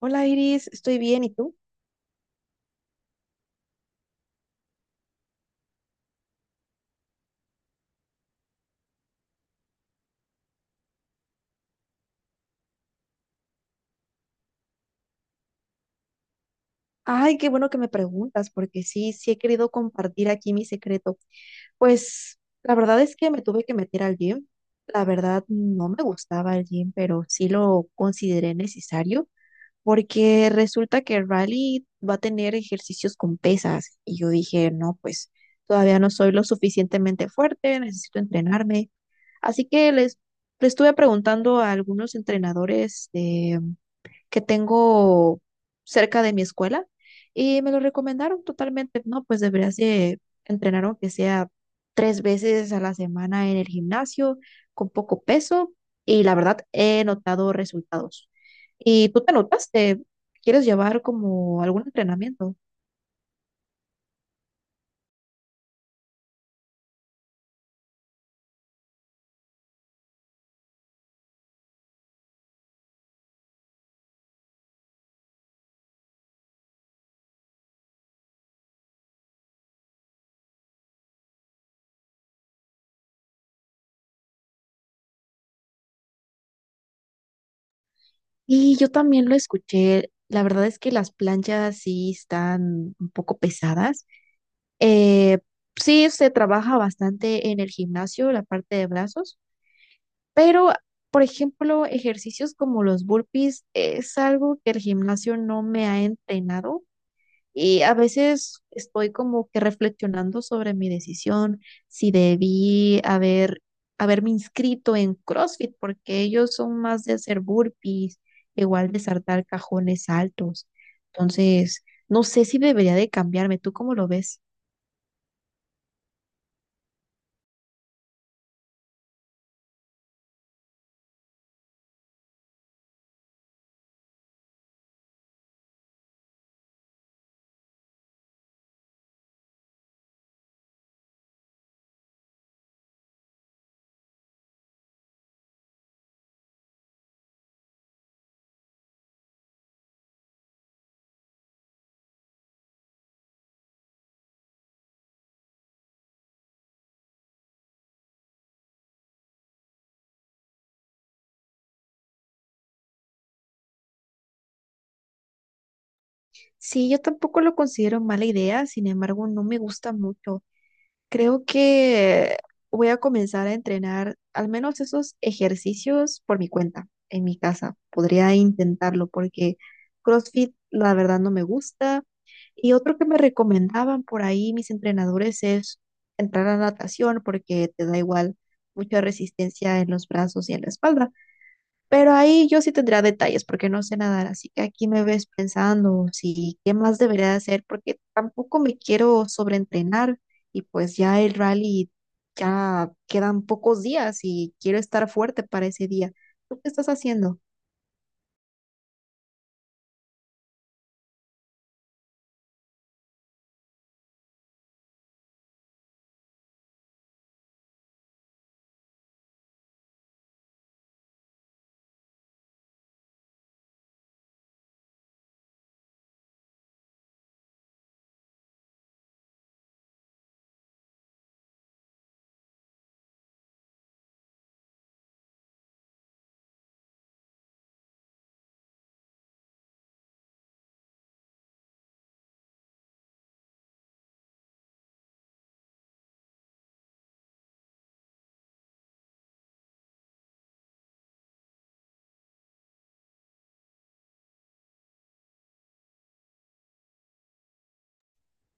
Hola Iris, estoy bien, ¿y tú? Ay, qué bueno que me preguntas, porque sí, sí he querido compartir aquí mi secreto. Pues la verdad es que me tuve que meter al gym. La verdad no me gustaba el gym, pero sí lo consideré necesario, porque resulta que Riley va a tener ejercicios con pesas. Y yo dije, no, pues todavía no soy lo suficientemente fuerte, necesito entrenarme. Así que le estuve preguntando a algunos entrenadores que tengo cerca de mi escuela y me lo recomendaron totalmente. No, pues deberías de entrenar aunque sea tres veces a la semana en el gimnasio con poco peso y la verdad he notado resultados. ¿Y tú te notaste? ¿Quieres llevar como algún entrenamiento? Y yo también lo escuché. La verdad es que las planchas sí están un poco pesadas. Eh, sí se trabaja bastante en el gimnasio, la parte de brazos, pero, por ejemplo, ejercicios como los burpees es algo que el gimnasio no me ha entrenado y a veces estoy como que reflexionando sobre mi decisión, si debí haberme inscrito en CrossFit, porque ellos son más de hacer burpees, igual de saltar cajones altos. Entonces, no sé si debería de cambiarme. ¿Tú cómo lo ves? Sí, yo tampoco lo considero mala idea, sin embargo, no me gusta mucho. Creo que voy a comenzar a entrenar al menos esos ejercicios por mi cuenta, en mi casa. Podría intentarlo porque CrossFit la verdad no me gusta. Y otro que me recomendaban por ahí mis entrenadores es entrar a natación porque te da igual mucha resistencia en los brazos y en la espalda. Pero ahí yo sí tendría detalles porque no sé nadar, así que aquí me ves pensando si qué más debería hacer porque tampoco me quiero sobreentrenar y pues ya el rally ya quedan pocos días y quiero estar fuerte para ese día. ¿Tú qué estás haciendo?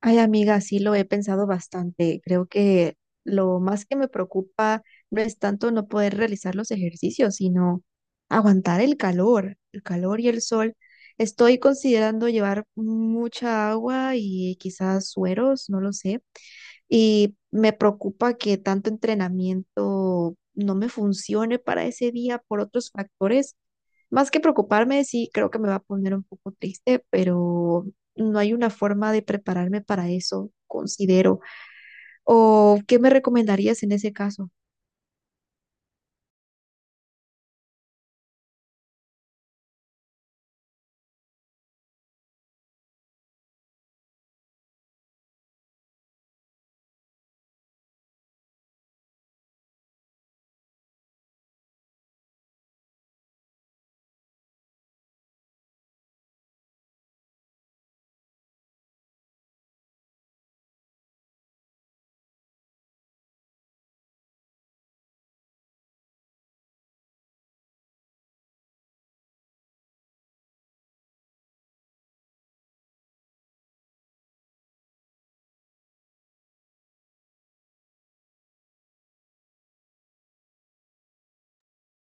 Ay, amiga, sí lo he pensado bastante. Creo que lo más que me preocupa no es tanto no poder realizar los ejercicios, sino aguantar el calor y el sol. Estoy considerando llevar mucha agua y quizás sueros, no lo sé. Y me preocupa que tanto entrenamiento no me funcione para ese día por otros factores más que preocuparme, sí creo que me va a poner un poco triste, pero no hay una forma de prepararme para eso, considero. ¿O qué me recomendarías en ese caso?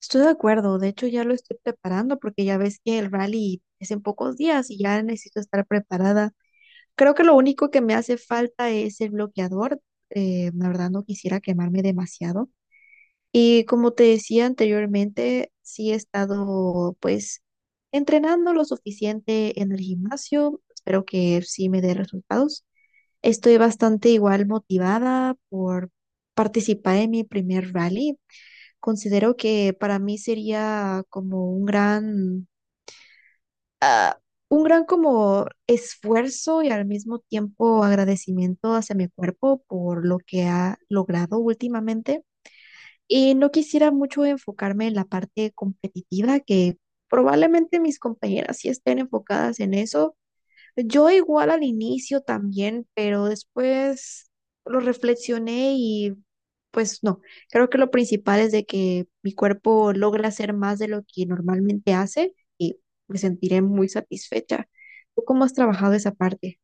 Estoy de acuerdo, de hecho ya lo estoy preparando porque ya ves que el rally es en pocos días y ya necesito estar preparada. Creo que lo único que me hace falta es el bloqueador. La verdad no quisiera quemarme demasiado. Y como te decía anteriormente, sí he estado pues entrenando lo suficiente en el gimnasio. Espero que sí me dé resultados. Estoy bastante igual motivada por participar en mi primer rally. Considero que para mí sería como ah, un gran como esfuerzo y al mismo tiempo agradecimiento hacia mi cuerpo por lo que ha logrado últimamente. Y no quisiera mucho enfocarme en la parte competitiva, que probablemente mis compañeras sí estén enfocadas en eso. Yo igual al inicio también, pero después lo reflexioné y pues no, creo que lo principal es de que mi cuerpo logra hacer más de lo que normalmente hace y me sentiré muy satisfecha. ¿Tú cómo has trabajado esa parte?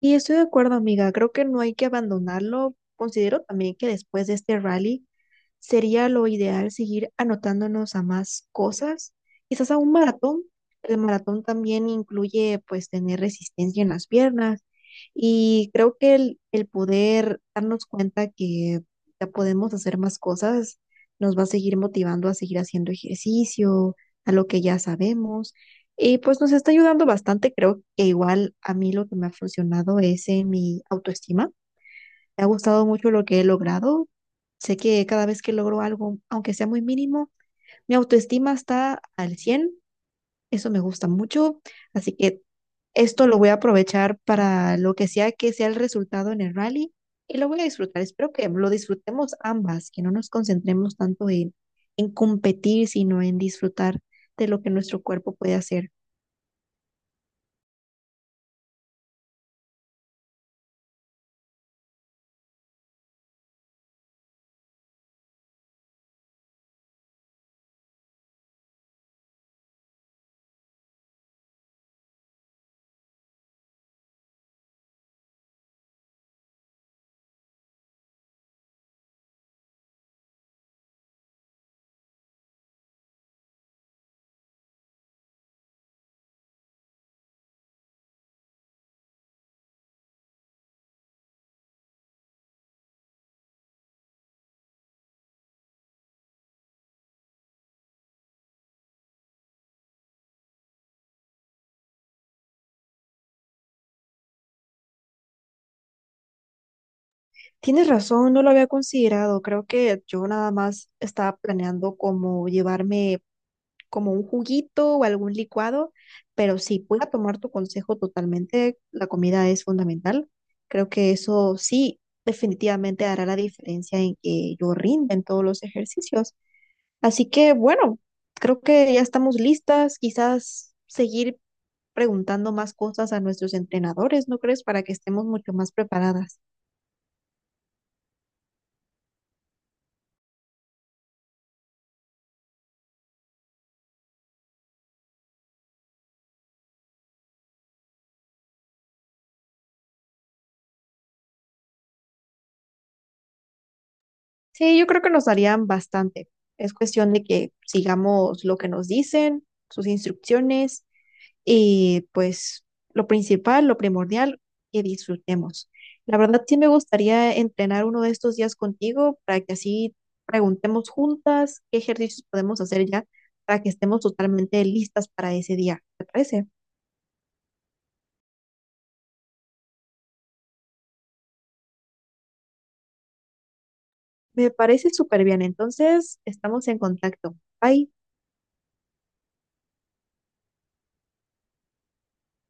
Y estoy de acuerdo, amiga. Creo que no hay que abandonarlo. Considero también que después de este rally sería lo ideal seguir anotándonos a más cosas, quizás a un maratón. El maratón también incluye pues tener resistencia en las piernas y creo que el poder darnos cuenta que ya podemos hacer más cosas nos va a seguir motivando a seguir haciendo ejercicio, a lo que ya sabemos. Y pues nos está ayudando bastante, creo que igual a mí lo que me ha funcionado es en mi autoestima. Me ha gustado mucho lo que he logrado. Sé que cada vez que logro algo, aunque sea muy mínimo, mi autoestima está al 100. Eso me gusta mucho. Así que esto lo voy a aprovechar para lo que sea el resultado en el rally y lo voy a disfrutar. Espero que lo disfrutemos ambas, que no nos concentremos tanto en competir, sino en disfrutar de lo que nuestro cuerpo puede hacer. Tienes razón, no lo había considerado. Creo que yo nada más estaba planeando como llevarme como un juguito o algún licuado, pero sí, voy a tomar tu consejo totalmente. La comida es fundamental. Creo que eso sí definitivamente hará la diferencia en que yo rinda en todos los ejercicios. Así que bueno, creo que ya estamos listas. Quizás seguir preguntando más cosas a nuestros entrenadores, ¿no crees? Para que estemos mucho más preparadas. Sí, yo creo que nos darían bastante. Es cuestión de que sigamos lo que nos dicen, sus instrucciones y pues lo principal, lo primordial, que disfrutemos. La verdad sí me gustaría entrenar uno de estos días contigo para que así preguntemos juntas qué ejercicios podemos hacer ya para que estemos totalmente listas para ese día. ¿Te parece? Me parece súper bien. Entonces, estamos en contacto. Bye.